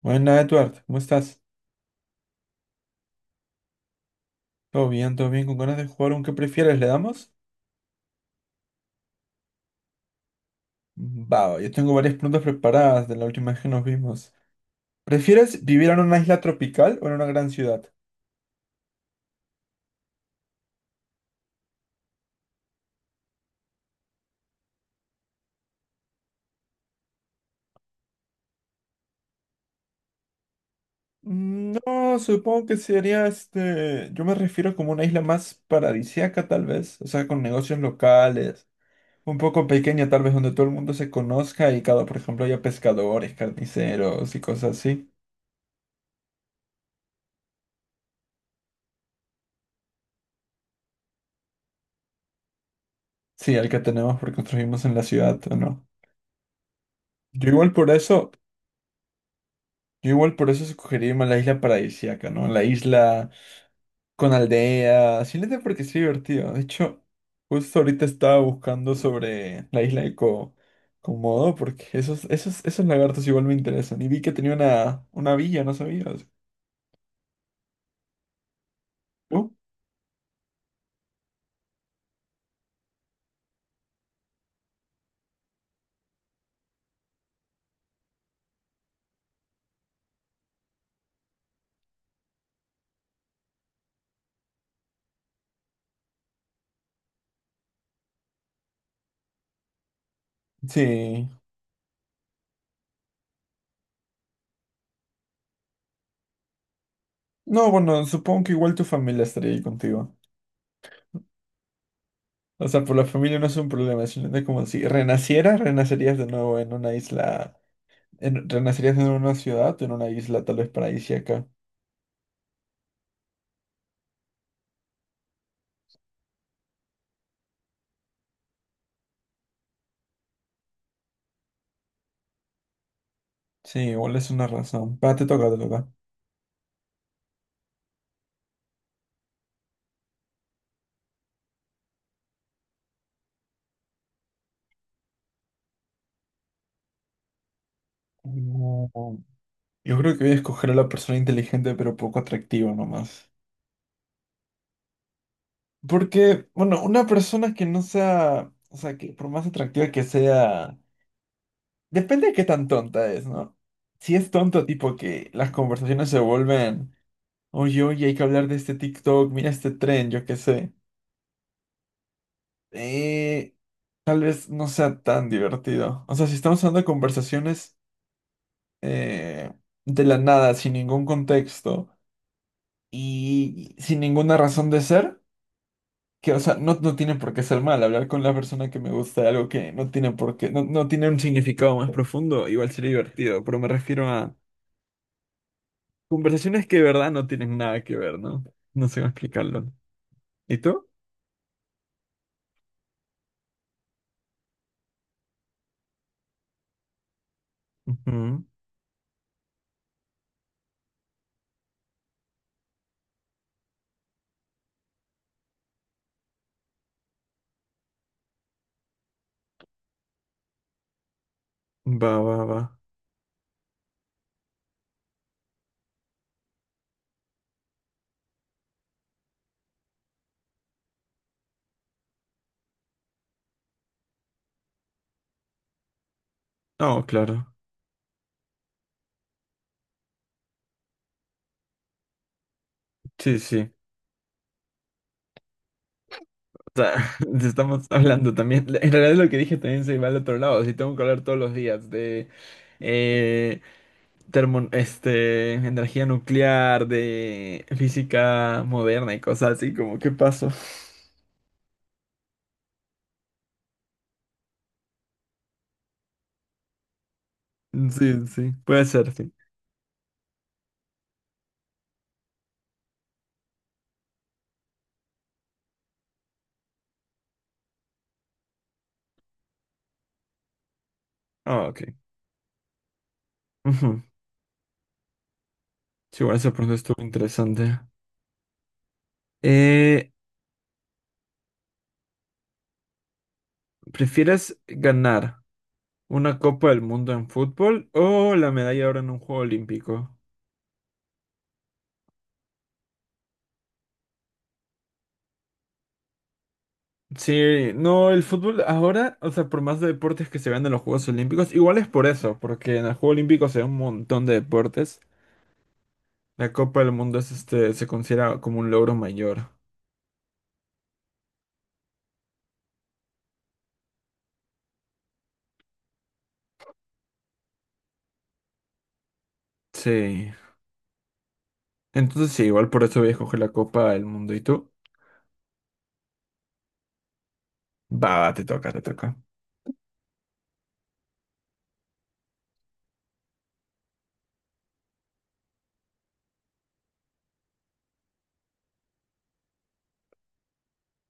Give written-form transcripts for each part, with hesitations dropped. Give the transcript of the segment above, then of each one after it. Buenas, Edward, ¿cómo estás? Todo bien, con ganas de jugar un qué prefieres, ¿le damos? Va, yo tengo varias preguntas preparadas de la última vez que nos vimos. ¿Prefieres vivir en una isla tropical o en una gran ciudad? No, supongo que sería este. Yo me refiero como una isla más paradisíaca, tal vez. O sea, con negocios locales. Un poco pequeña, tal vez, donde todo el mundo se conozca y cada, por ejemplo, haya pescadores, carniceros y cosas así. Sí, el que tenemos porque construimos en la ciudad, ¿o no? Yo igual por eso. Yo igual por eso escogería más la isla paradisíaca, ¿no? La isla con aldea, simplemente porque es divertido. De hecho, justo ahorita estaba buscando sobre la isla de Co Komodo, porque esos lagartos igual me interesan. Y vi que tenía una villa, ¿no sabías? ¿Tú? Sí. No, bueno, supongo que igual tu familia estaría ahí contigo. O sea, por la familia no es un problema, simplemente como si renacieras, renacerías de nuevo en una isla, renacerías en una ciudad, en una isla tal vez paradisíaca. Sí, igual es una razón. Va, te toca, te toca. Mm, Yo creo que voy a escoger a la persona inteligente pero poco atractiva nomás. Porque, bueno, una persona que no sea, o sea, que por más atractiva que sea, depende de qué tan tonta es, ¿no? Si es tonto, tipo que las conversaciones se vuelven, oye, oye, hay que hablar de este TikTok, mira este tren, yo qué sé. Eh, tal vez no sea tan divertido. O sea, si estamos hablando de conversaciones eh, de la nada, sin ningún contexto. Y sin ninguna razón de ser, que, o sea, no, no tiene por qué ser mal. Hablar con la persona que me gusta de algo que no tiene por qué, no, no tiene un significado más profundo, igual sería divertido, pero me refiero a conversaciones que de verdad no tienen nada que ver, ¿no? No sé cómo explicarlo. ¿Y tú? Ujú. Va, va, va. No, claro. Sí, sí. O sea, estamos hablando también. En realidad lo que dije también se va al otro lado. Si tengo que hablar todos los días de este, energía nuclear, de física moderna y cosas así, como qué pasó. Sí, sí, puede ser, sí. Ah, ok. Ujú. Sí, bueno, esa pregunta estuvo interesante. Eh, ¿Prefieres ganar una Copa del Mundo en fútbol o la medalla ahora en un juego olímpico? Sí, no, el fútbol ahora, o sea, por más de deportes que se vean en los Juegos Olímpicos, igual es por eso, porque en el Juego Olímpico se ve un montón de deportes. La Copa del Mundo es este, se considera como un logro mayor. Sí. Entonces sí, igual por eso voy a escoger la Copa del Mundo. ¿Y tú? Va, va, te toca, te toca.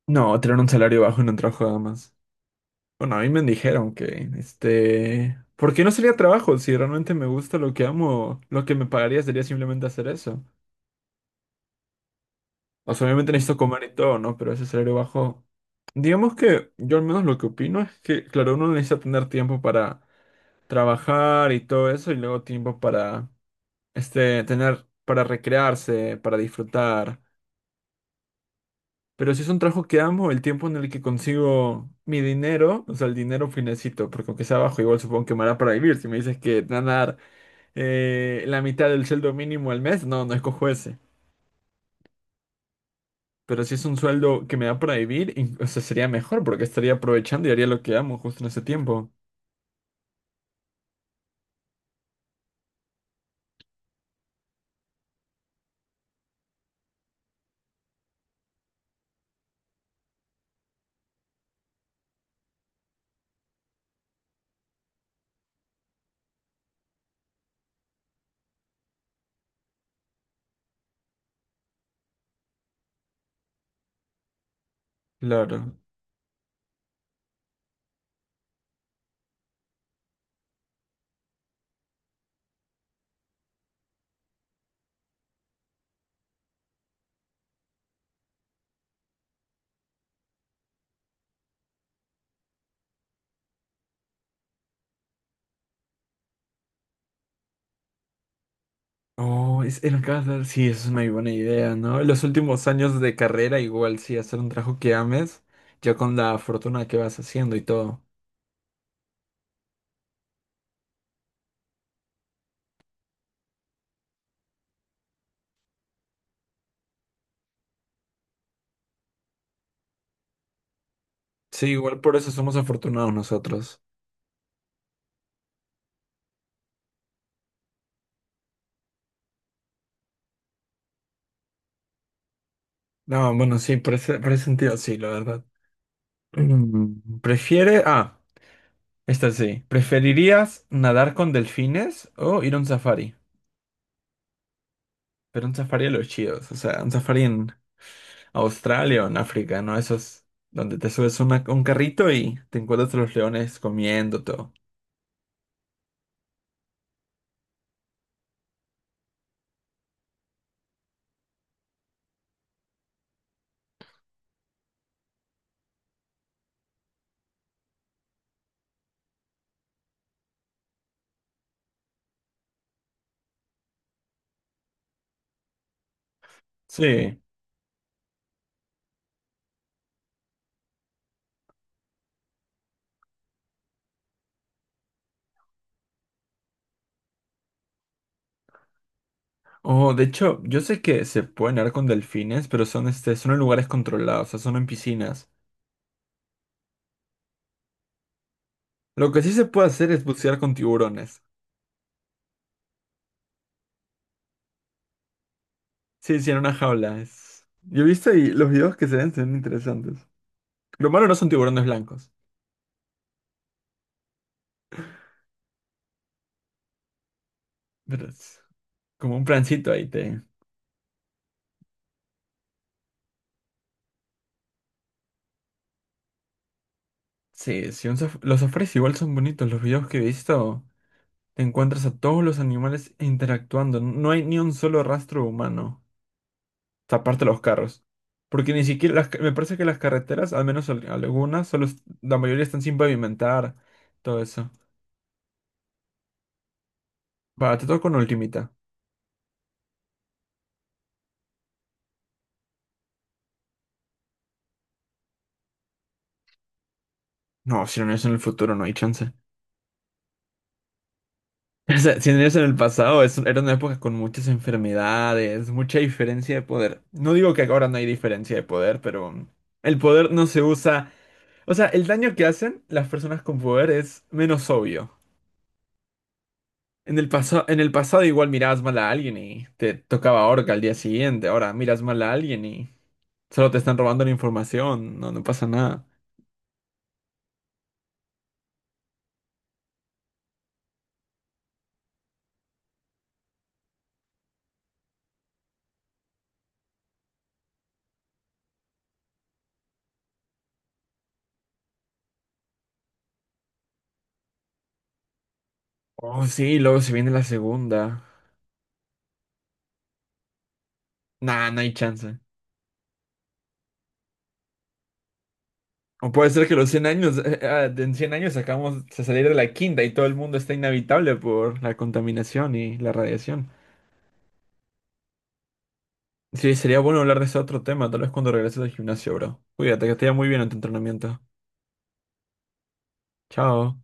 No, tener un salario bajo en un trabajo nada más. Bueno, a mí me dijeron que, este... ¿Por qué no sería trabajo? Si realmente me gusta lo que amo, lo que me pagaría sería simplemente hacer eso. O sea, obviamente necesito comer y todo, ¿no? Pero ese salario bajo... Digamos que yo al menos lo que opino es que, claro, uno necesita tener tiempo para trabajar y todo eso y luego tiempo para este, tener para recrearse, para disfrutar. Pero si es un trabajo que amo, el tiempo en el que consigo mi dinero, o sea, el dinero finecito, porque aunque sea bajo, igual supongo que me hará para vivir. Si me dices que te van a dar la mitad del sueldo mínimo al mes, no, no escojo ese. Pero si es un sueldo que me da para vivir, o sea, sería mejor porque estaría aprovechando y haría lo que amo justo en ese tiempo. Claro. Oh, es, era casa. Sí, eso es una buena idea, ¿no? Los últimos años de carrera, igual sí, hacer un trabajo que ames, ya con la fortuna que vas haciendo y todo. Sí, igual por eso somos afortunados nosotros. No, bueno, sí, por ese sentido sí, la verdad. Mm, Prefiere. Ah, esta sí. ¿Preferirías nadar con delfines o ir a un safari? Pero un safari a los chidos, o sea, un safari en Australia o en África, ¿no? Esos donde te subes un carrito y te encuentras a los leones comiendo todo. Sí. Oh, de hecho, yo sé que se puede nadar con delfines, pero son, este, son en lugares controlados, o sea, son en piscinas. Lo que sí se puede hacer es bucear con tiburones. Sí, sí, en una jaula. Es... Yo he visto y los videos que se ven son interesantes. Lo malo no son tiburones blancos, pero es como un plancito ahí te... Sí, sí, un los safaris igual son bonitos. Los videos que he visto, te encuentras a todos los animales interactuando. No hay ni un solo rastro humano. Taparte los carros. Porque ni siquiera, las me parece que las carreteras, al menos algunas, solo, la mayoría están sin pavimentar, todo eso. Va, te toco con ultimita. No, si no es en el futuro, no hay chance. O sea, si no es en el pasado, es, era una época con muchas enfermedades, mucha diferencia de poder. No digo que ahora no hay diferencia de poder, pero mm, el poder no se usa. O sea, el daño que hacen las personas con poder es menos obvio. En el pasado igual mirabas mal a alguien y te tocaba orca al día siguiente. Ahora miras mal a alguien y solo te están robando la información. No, no pasa nada. Oh, sí, luego se viene la segunda. Nah, no hay chance. O puede ser que los 100 años, en 100 años acabamos de salir de la quinta y todo el mundo está inhabitable por la contaminación y la radiación. Sí, sería bueno hablar de ese otro tema, tal vez cuando regreses al gimnasio, bro. Cuídate, que te vaya muy bien en tu entrenamiento. Chao.